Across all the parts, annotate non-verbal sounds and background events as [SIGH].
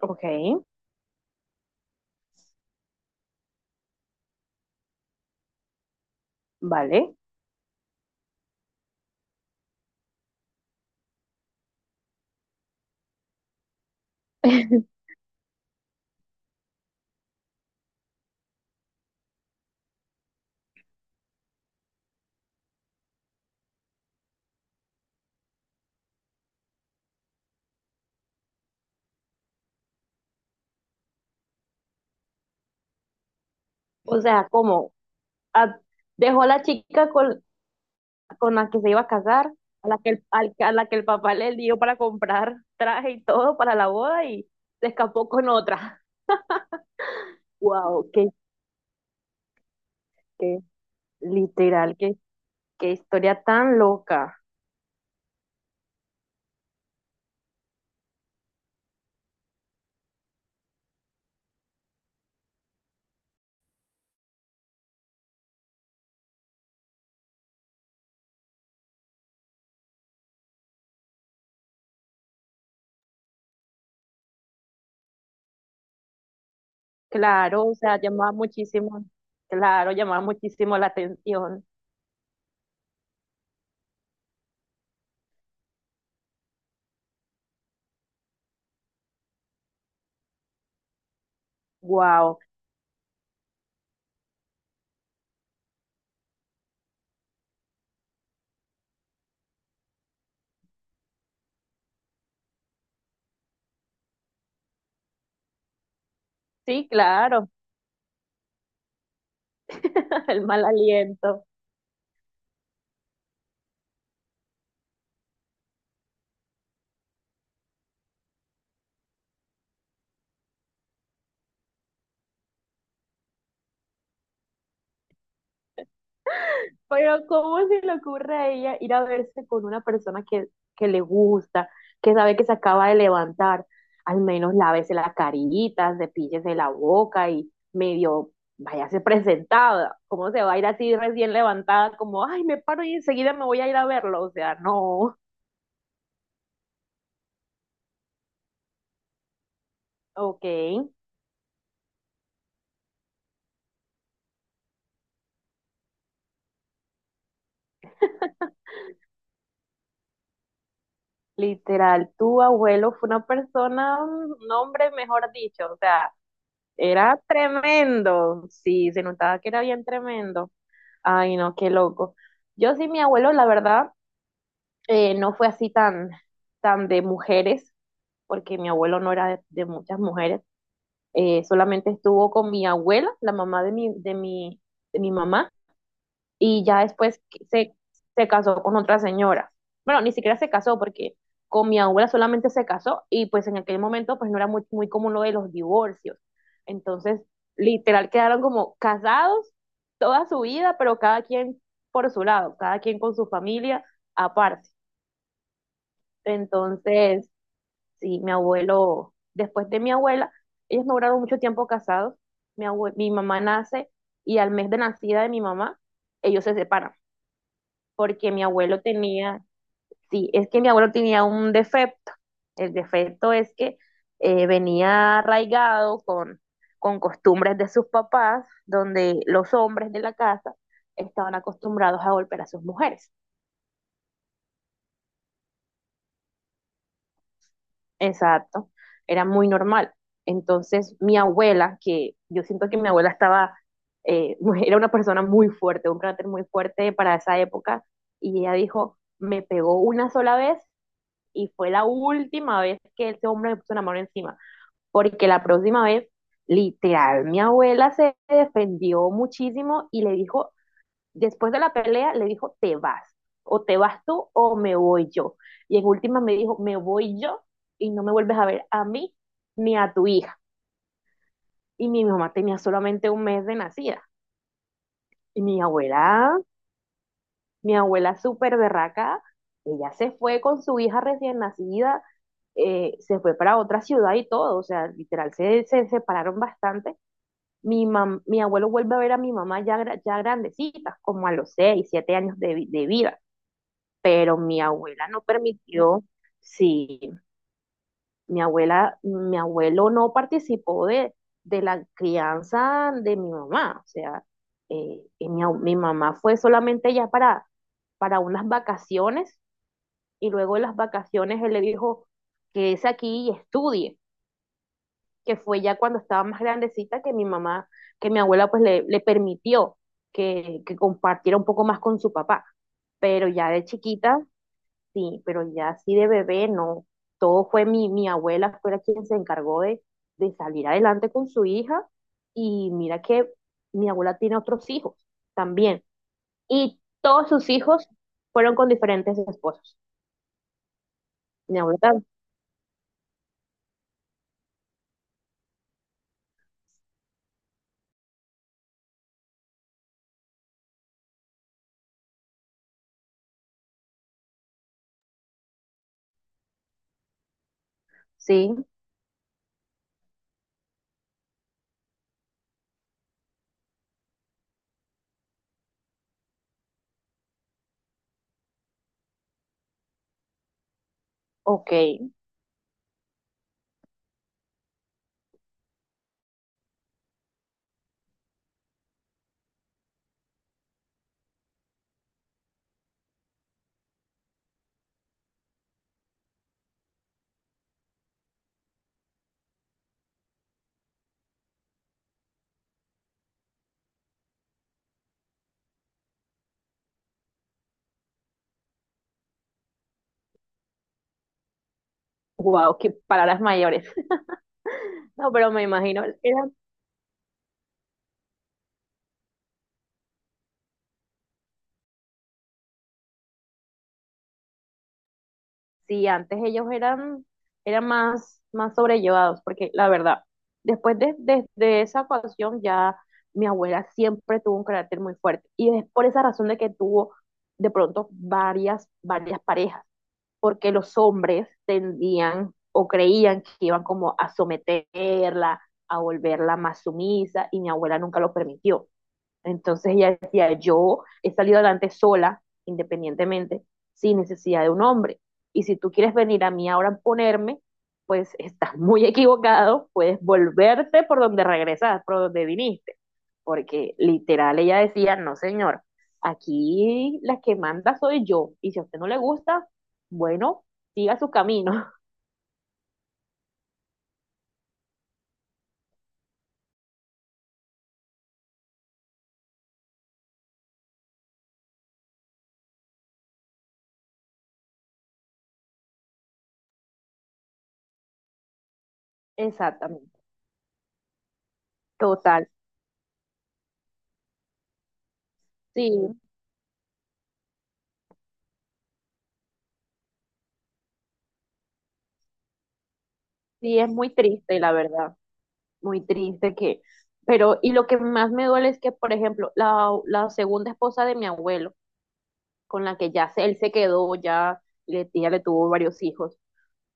Ok, vale. O sea, como a- dejó a la chica con la que se iba a casar, a la que el papá le dio para comprar traje y todo para la boda y se escapó con otra. Wow, qué literal, qué historia tan loca. Claro, o sea, llamaba muchísimo, claro, llamaba muchísimo la atención. Wow, sí, claro, [LAUGHS] el mal aliento. Pero ¿cómo se le ocurre a ella ir a verse con una persona que le gusta, que sabe que se acaba de levantar? Al menos lávese la carita, cepíllese la boca y medio váyase presentada. ¿Cómo se va a ir así recién levantada? Como, ay, me paro y enseguida me voy a ir a verlo. O sea, no. Ok. Literal, tu abuelo fue una persona, un hombre, mejor dicho. O sea, era tremendo. Sí, se notaba que era bien tremendo. Ay, no, qué loco. Yo sí, mi abuelo, la verdad, no fue así tan, tan de mujeres, porque mi abuelo no era de muchas mujeres. Solamente estuvo con mi abuela, la mamá de mi mamá, y ya después se, se casó con otra señora. Bueno, ni siquiera se casó porque con mi abuela solamente se casó y pues en aquel momento pues no era muy, muy común lo de los divorcios. Entonces, literal quedaron como casados toda su vida, pero cada quien por su lado, cada quien con su familia aparte. Entonces, sí, mi abuelo, después de mi abuela, ellos no duraron mucho tiempo casados. Mi mamá nace y al mes de nacida de mi mamá, ellos se separan porque mi abuelo tenía, sí, es que mi abuelo tenía un defecto. El defecto es que venía arraigado con costumbres de sus papás, donde los hombres de la casa estaban acostumbrados a golpear a sus mujeres. Exacto, era muy normal. Entonces, mi abuela, que yo siento que mi abuela estaba, eh, [LAUGHS] era una persona muy fuerte, un carácter muy fuerte para esa época, y ella dijo, me pegó una sola vez y fue la última vez que ese hombre me puso una mano encima, porque la próxima vez, literal, mi abuela se defendió muchísimo y le dijo, después de la pelea, le dijo, te vas, o te vas tú o me voy yo. Y en última me dijo, me voy yo y no me vuelves a ver a mí ni a tu hija. Y mi mamá tenía solamente un mes de nacida. Y mi abuela Mi abuela súper berraca, ella se fue con su hija recién nacida, se fue para otra ciudad y todo, o sea, literal, se separaron bastante. Mi abuelo vuelve a ver a mi mamá ya, ya grandecita, como a los seis, siete años de, de vida, pero mi abuela no permitió, sí, mi abuela, mi abuelo no participó de la crianza de mi mamá, o sea, y mi mamá fue solamente ya para unas vacaciones y luego en las vacaciones él le dijo que es aquí y estudie, que fue ya cuando estaba más grandecita que mi mamá, que mi abuela pues le permitió que compartiera un poco más con su papá, pero ya de chiquita, sí, pero ya así de bebé, no, todo fue mi, mi abuela, fue la quien se encargó de salir adelante con su hija y mira que mi abuela tiene otros hijos también y todos sus hijos fueron con diferentes esposos. Mi abuela, sí, ok, wow, qué palabras mayores. [LAUGHS] No, pero me imagino, eran, sí, antes ellos eran, eran más, más sobrellevados, porque la verdad, después de esa ocasión ya mi abuela siempre tuvo un carácter muy fuerte, y es por esa razón de que tuvo de pronto varias, varias parejas, porque los hombres tendían o creían que iban como a someterla, a volverla más sumisa, y mi abuela nunca lo permitió. Entonces ella decía, yo he salido adelante sola, independientemente, sin necesidad de un hombre. Y si tú quieres venir a mí ahora a ponerme, pues estás muy equivocado, puedes volverte por donde regresas, por donde viniste. Porque literal ella decía, no señor, aquí la que manda soy yo. Y si a usted no le gusta, bueno, siga su camino. [LAUGHS] Exactamente, total. Sí, sí, es muy triste, la verdad. Muy triste que, pero, y lo que más me duele es que, por ejemplo, la segunda esposa de mi abuelo, con la que ya él se quedó, ya ella le tuvo varios hijos,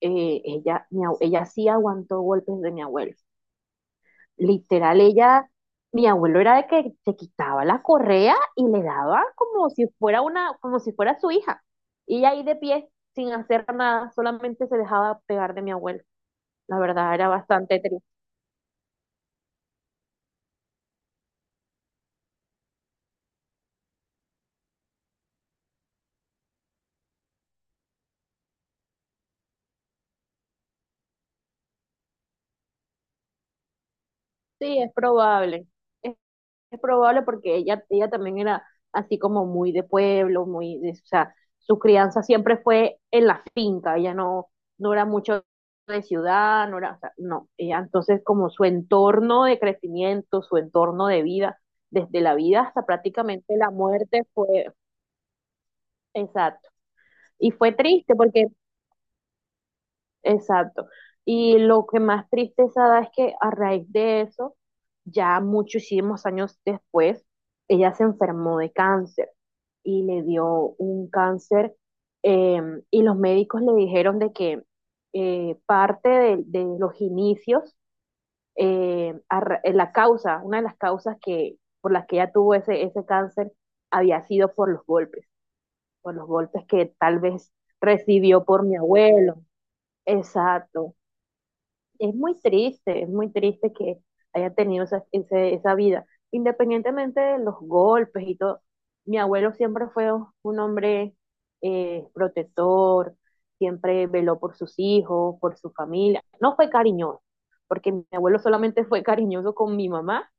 ella, ella sí aguantó golpes de mi abuelo. Literal, ella, mi abuelo era de que se quitaba la correa y le daba como si fuera una, como si fuera su hija. Y ella ahí de pie, sin hacer nada, solamente se dejaba pegar de mi abuelo. La verdad, era bastante triste. Sí, es probable. Es probable porque ella también era así como muy de pueblo, muy de, o sea, su crianza siempre fue en la finca, ella no, no era mucho de ciudad, no era, o sea, no, ella entonces como su entorno de crecimiento, su entorno de vida, desde la vida hasta prácticamente la muerte fue, exacto, y fue triste porque, exacto, y lo que más tristeza da es que a raíz de eso, ya muchísimos años después, ella se enfermó de cáncer y le dio un cáncer eh, y los médicos le dijeron de que parte de, los inicios, en la causa, una de las causas que, por las que ella tuvo ese cáncer había sido por los golpes que tal vez recibió por mi abuelo. Exacto, es muy triste que haya tenido esa, esa vida. Independientemente de los golpes y todo, mi abuelo siempre fue un hombre protector, siempre veló por sus hijos, por su familia. No fue cariñoso, porque mi abuelo solamente fue cariñoso con mi mamá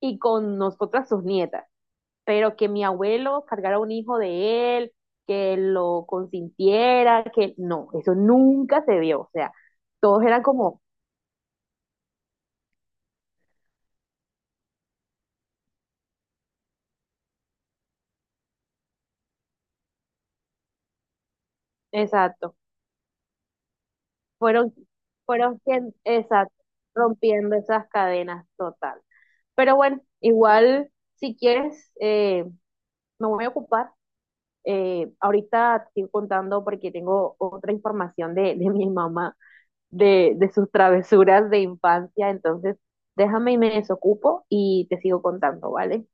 y con nosotras sus nietas. Pero que mi abuelo cargara un hijo de él, que lo consintiera, que no, eso nunca se vio. O sea, todos eran como... Exacto. Fueron, fueron quien, exacto, rompiendo esas cadenas total. Pero bueno, igual, si quieres, me voy a ocupar. Ahorita te estoy contando porque tengo otra información de mi mamá, de sus travesuras de infancia. Entonces, déjame y me desocupo y te sigo contando, ¿vale?